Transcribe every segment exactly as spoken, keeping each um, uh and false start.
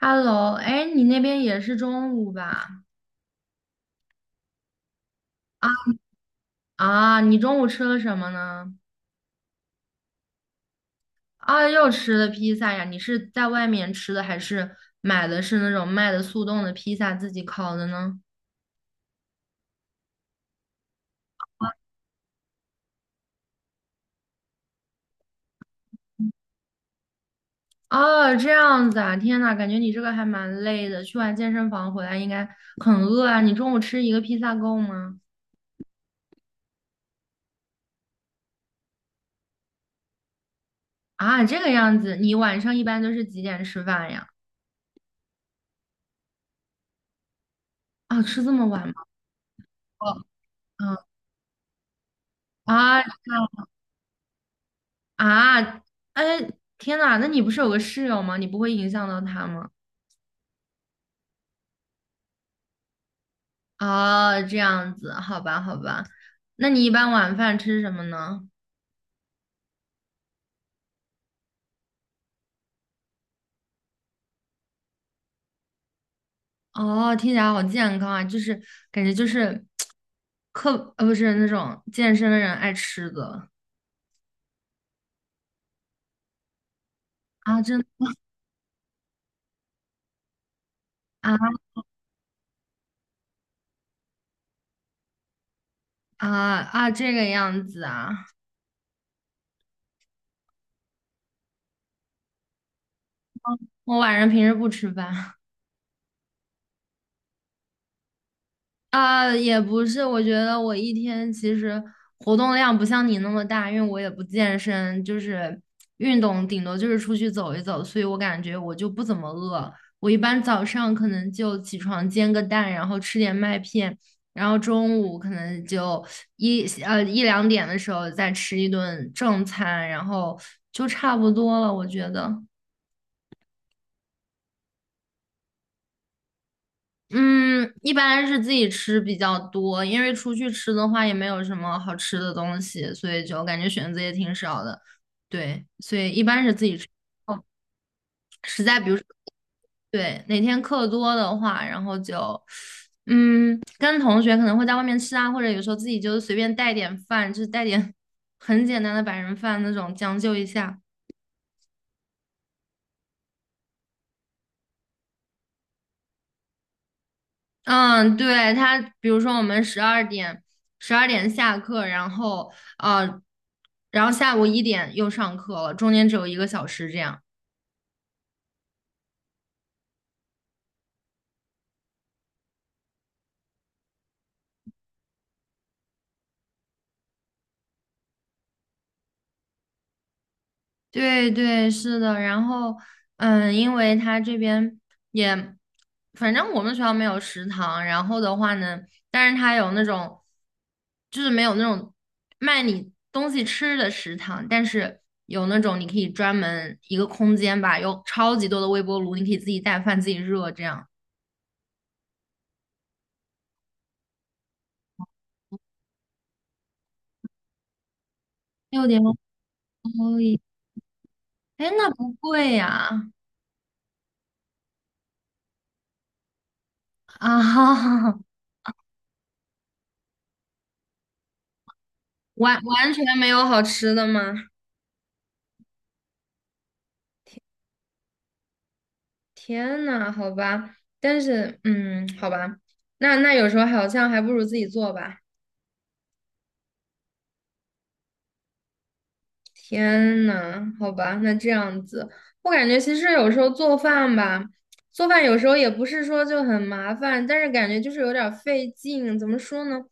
Hello，哎，你那边也是中午吧？啊啊，你中午吃了什么呢？啊，又吃了披萨呀？你是在外面吃的，还是买的是那种卖的速冻的披萨自己烤的呢？哦，这样子啊，天呐，感觉你这个还蛮累的，去完健身房回来应该很饿啊。你中午吃一个披萨够吗？啊，这个样子，你晚上一般都是几点吃饭呀？啊，吃这么晚吗？哦，嗯啊，啊，哎，天呐，那你不是有个室友吗？你不会影响到他吗？哦，这样子，好吧，好吧。那你一般晚饭吃什么呢？哦，听起来好健康啊，就是感觉就是课呃不是那种健身的人爱吃的。啊，真啊啊啊这个样子啊。我晚上平时不吃饭。啊，也不是，我觉得我一天其实活动量不像你那么大，因为我也不健身，就是运动顶多就是出去走一走，所以我感觉我就不怎么饿。我一般早上可能就起床煎个蛋，然后吃点麦片，然后中午可能就一呃一两点的时候再吃一顿正餐，然后就差不多了，我觉得。嗯，一般是自己吃比较多，因为出去吃的话也没有什么好吃的东西，所以就感觉选择也挺少的。对，所以一般是自己吃。哦，实在比如说，对，哪天课多的话，然后就，嗯，跟同学可能会在外面吃啊，或者有时候自己就随便带点饭，就是带点 很简单的白人饭那种，将就一下。嗯，对，他，比如说我们十二点十二点下课，然后呃，然后下午一点又上课了，中间只有一个小时这样。对对，是的。然后嗯，因为他这边也，反正我们学校没有食堂，然后的话呢，但是他有那种，就是没有那种卖你东西吃的食堂，但是。有那种你可以专门一个空间吧，有超级多的微波炉，你可以自己带饭自己热这样。六点多一，哎，那不贵呀！啊，完完全没有好吃的吗？天呐，好吧，但是，嗯，好吧，那那有时候好像还不如自己做吧。天呐，好吧，那这样子，我感觉其实有时候做饭吧，做饭有时候也不是说就很麻烦，但是感觉就是有点儿费劲。怎么说呢？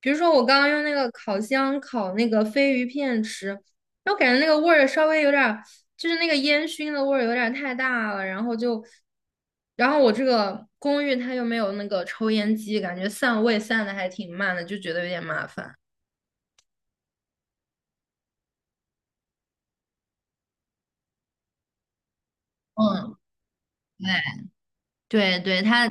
比如说我刚刚用那个烤箱烤那个飞鱼片吃，我感觉那个味儿稍微有点儿，就是那个烟熏的味儿有点儿太大了，然后就，然后我这个公寓它又没有那个抽烟机，感觉散味散的还挺慢的，就觉得有点麻烦。嗯。对对对，它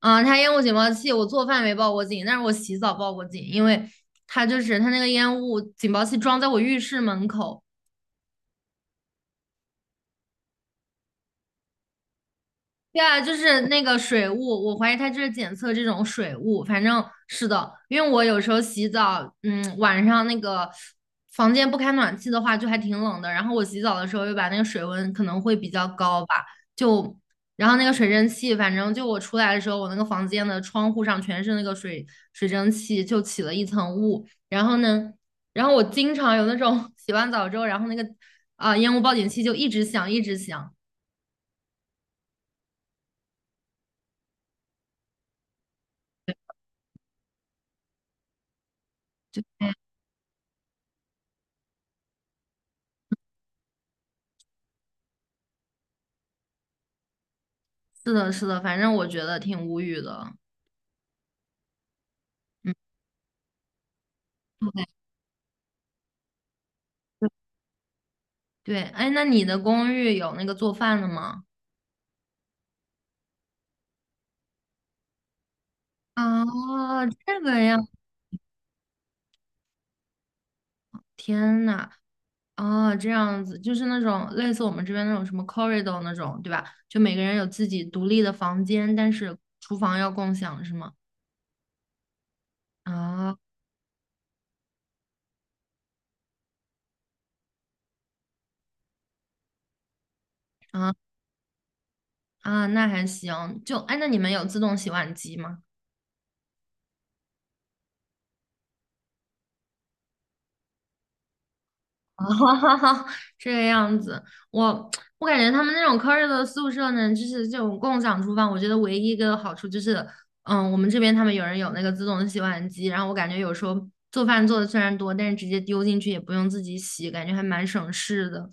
啊，它烟雾警报器，我做饭没报过警，但是我洗澡报过警，因为它就是它那个烟雾警报器装在我浴室门口，对啊，就是那个水雾，我怀疑它就是检测这种水雾。反正是的，因为我有时候洗澡，嗯，晚上那个房间不开暖气的话，就还挺冷的。然后我洗澡的时候又把那个水温可能会比较高吧，就然后那个水蒸气，反正就我出来的时候，我那个房间的窗户上全是那个水水蒸气，就起了一层雾。然后呢，然后我经常有那种 洗完澡之后，然后那个啊、烟雾报警器就一直响，一直响。是的，是的，反正我觉得挺无语的。嗯，对对，哎，那你的公寓有那个做饭的吗？啊，这个呀，天呐，哦，这样子，就是那种类似我们这边那种什么 corridor 那种，对吧？就每个人有自己独立的房间，但是厨房要共享，是吗？啊啊啊，那还行。就，哎，那你们有自动洗碗机吗？啊，这个样子，我我感觉他们那种 c u 的宿舍呢，就是这种共享厨房，我觉得唯一一个好处就是，嗯，我们这边他们有人有那个自动的洗碗机，然后我感觉有时候做饭做的虽然多，但是直接丢进去也不用自己洗，感觉还蛮省事的。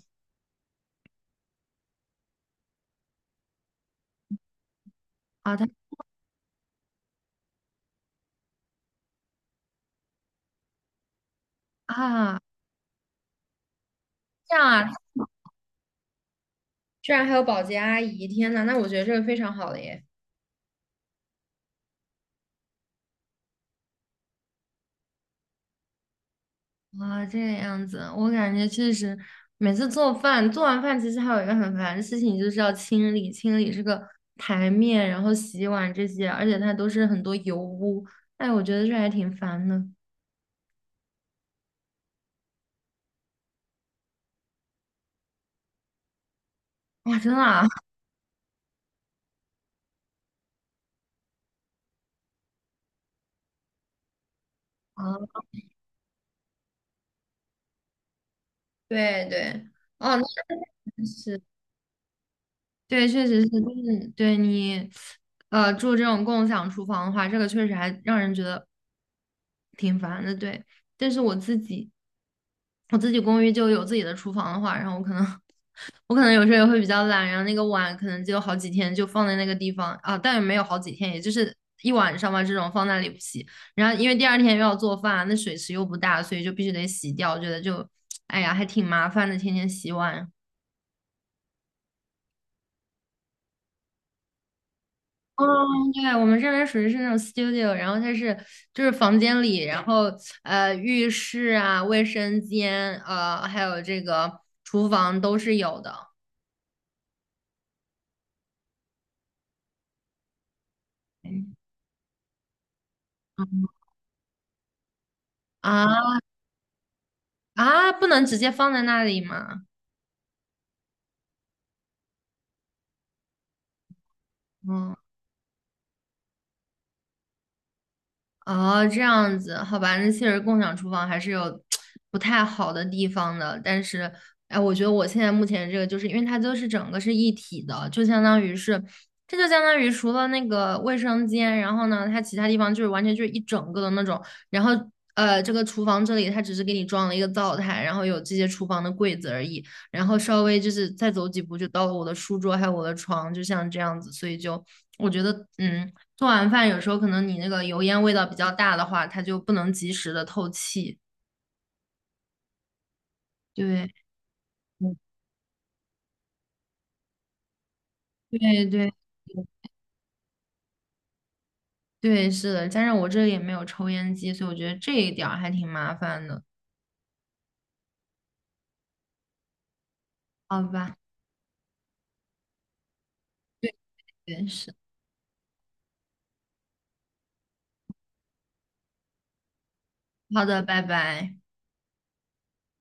啊。他啊，这样啊，居然还有保洁阿姨，天呐，那我觉得这个非常好的耶。啊，这个样子，我感觉确实，每次做饭，做完饭其实还有一个很烦的事情，就是要清理清理这个台面，然后洗碗这些，而且它都是很多油污，哎，我觉得这还挺烦的。哇，真的啊？啊，对对，哦，那 是对，确实是，就是对你，呃，住这种共享厨房的话，这个确实还让人觉得挺烦的。对，但是我自己，我自己公寓就有自己的厨房的话，然后我可能，我可能有时候也会比较懒，然后那个碗可能就好几天就放在那个地方啊，但也没有好几天，也就是一晚上吧，这种放那里不洗。然后因为第二天又要做饭，那水池又不大，所以就必须得洗掉，我觉得就，哎呀，还挺麻烦的，天天洗碗。嗯，对，我们这边属于是那种 studio，然后它是就是房间里，然后呃浴室啊、卫生间，呃还有这个厨房都是有的。嗯啊啊，不能直接放在那里吗？嗯。哦，这样子，好吧，那确实共享厨房还是有不太好的地方的，但是，哎，我觉得我现在目前这个，就是因为它就是整个是一体的，就相当于是，这就相当于除了那个卫生间，然后呢，它其他地方就是完全就是一整个的那种，然后呃，这个厨房这里它只是给你装了一个灶台，然后有这些厨房的柜子而已，然后稍微就是再走几步就到了我的书桌还有我的床，就像这样子，所以就我觉得，嗯。做完饭有时候可能你那个油烟味道比较大的话，它就不能及时的透气。对，嗯对对对，是的。加上我这里也没有抽烟机，所以我觉得这一点儿还挺麻烦的。好吧，对，是。好的，拜拜。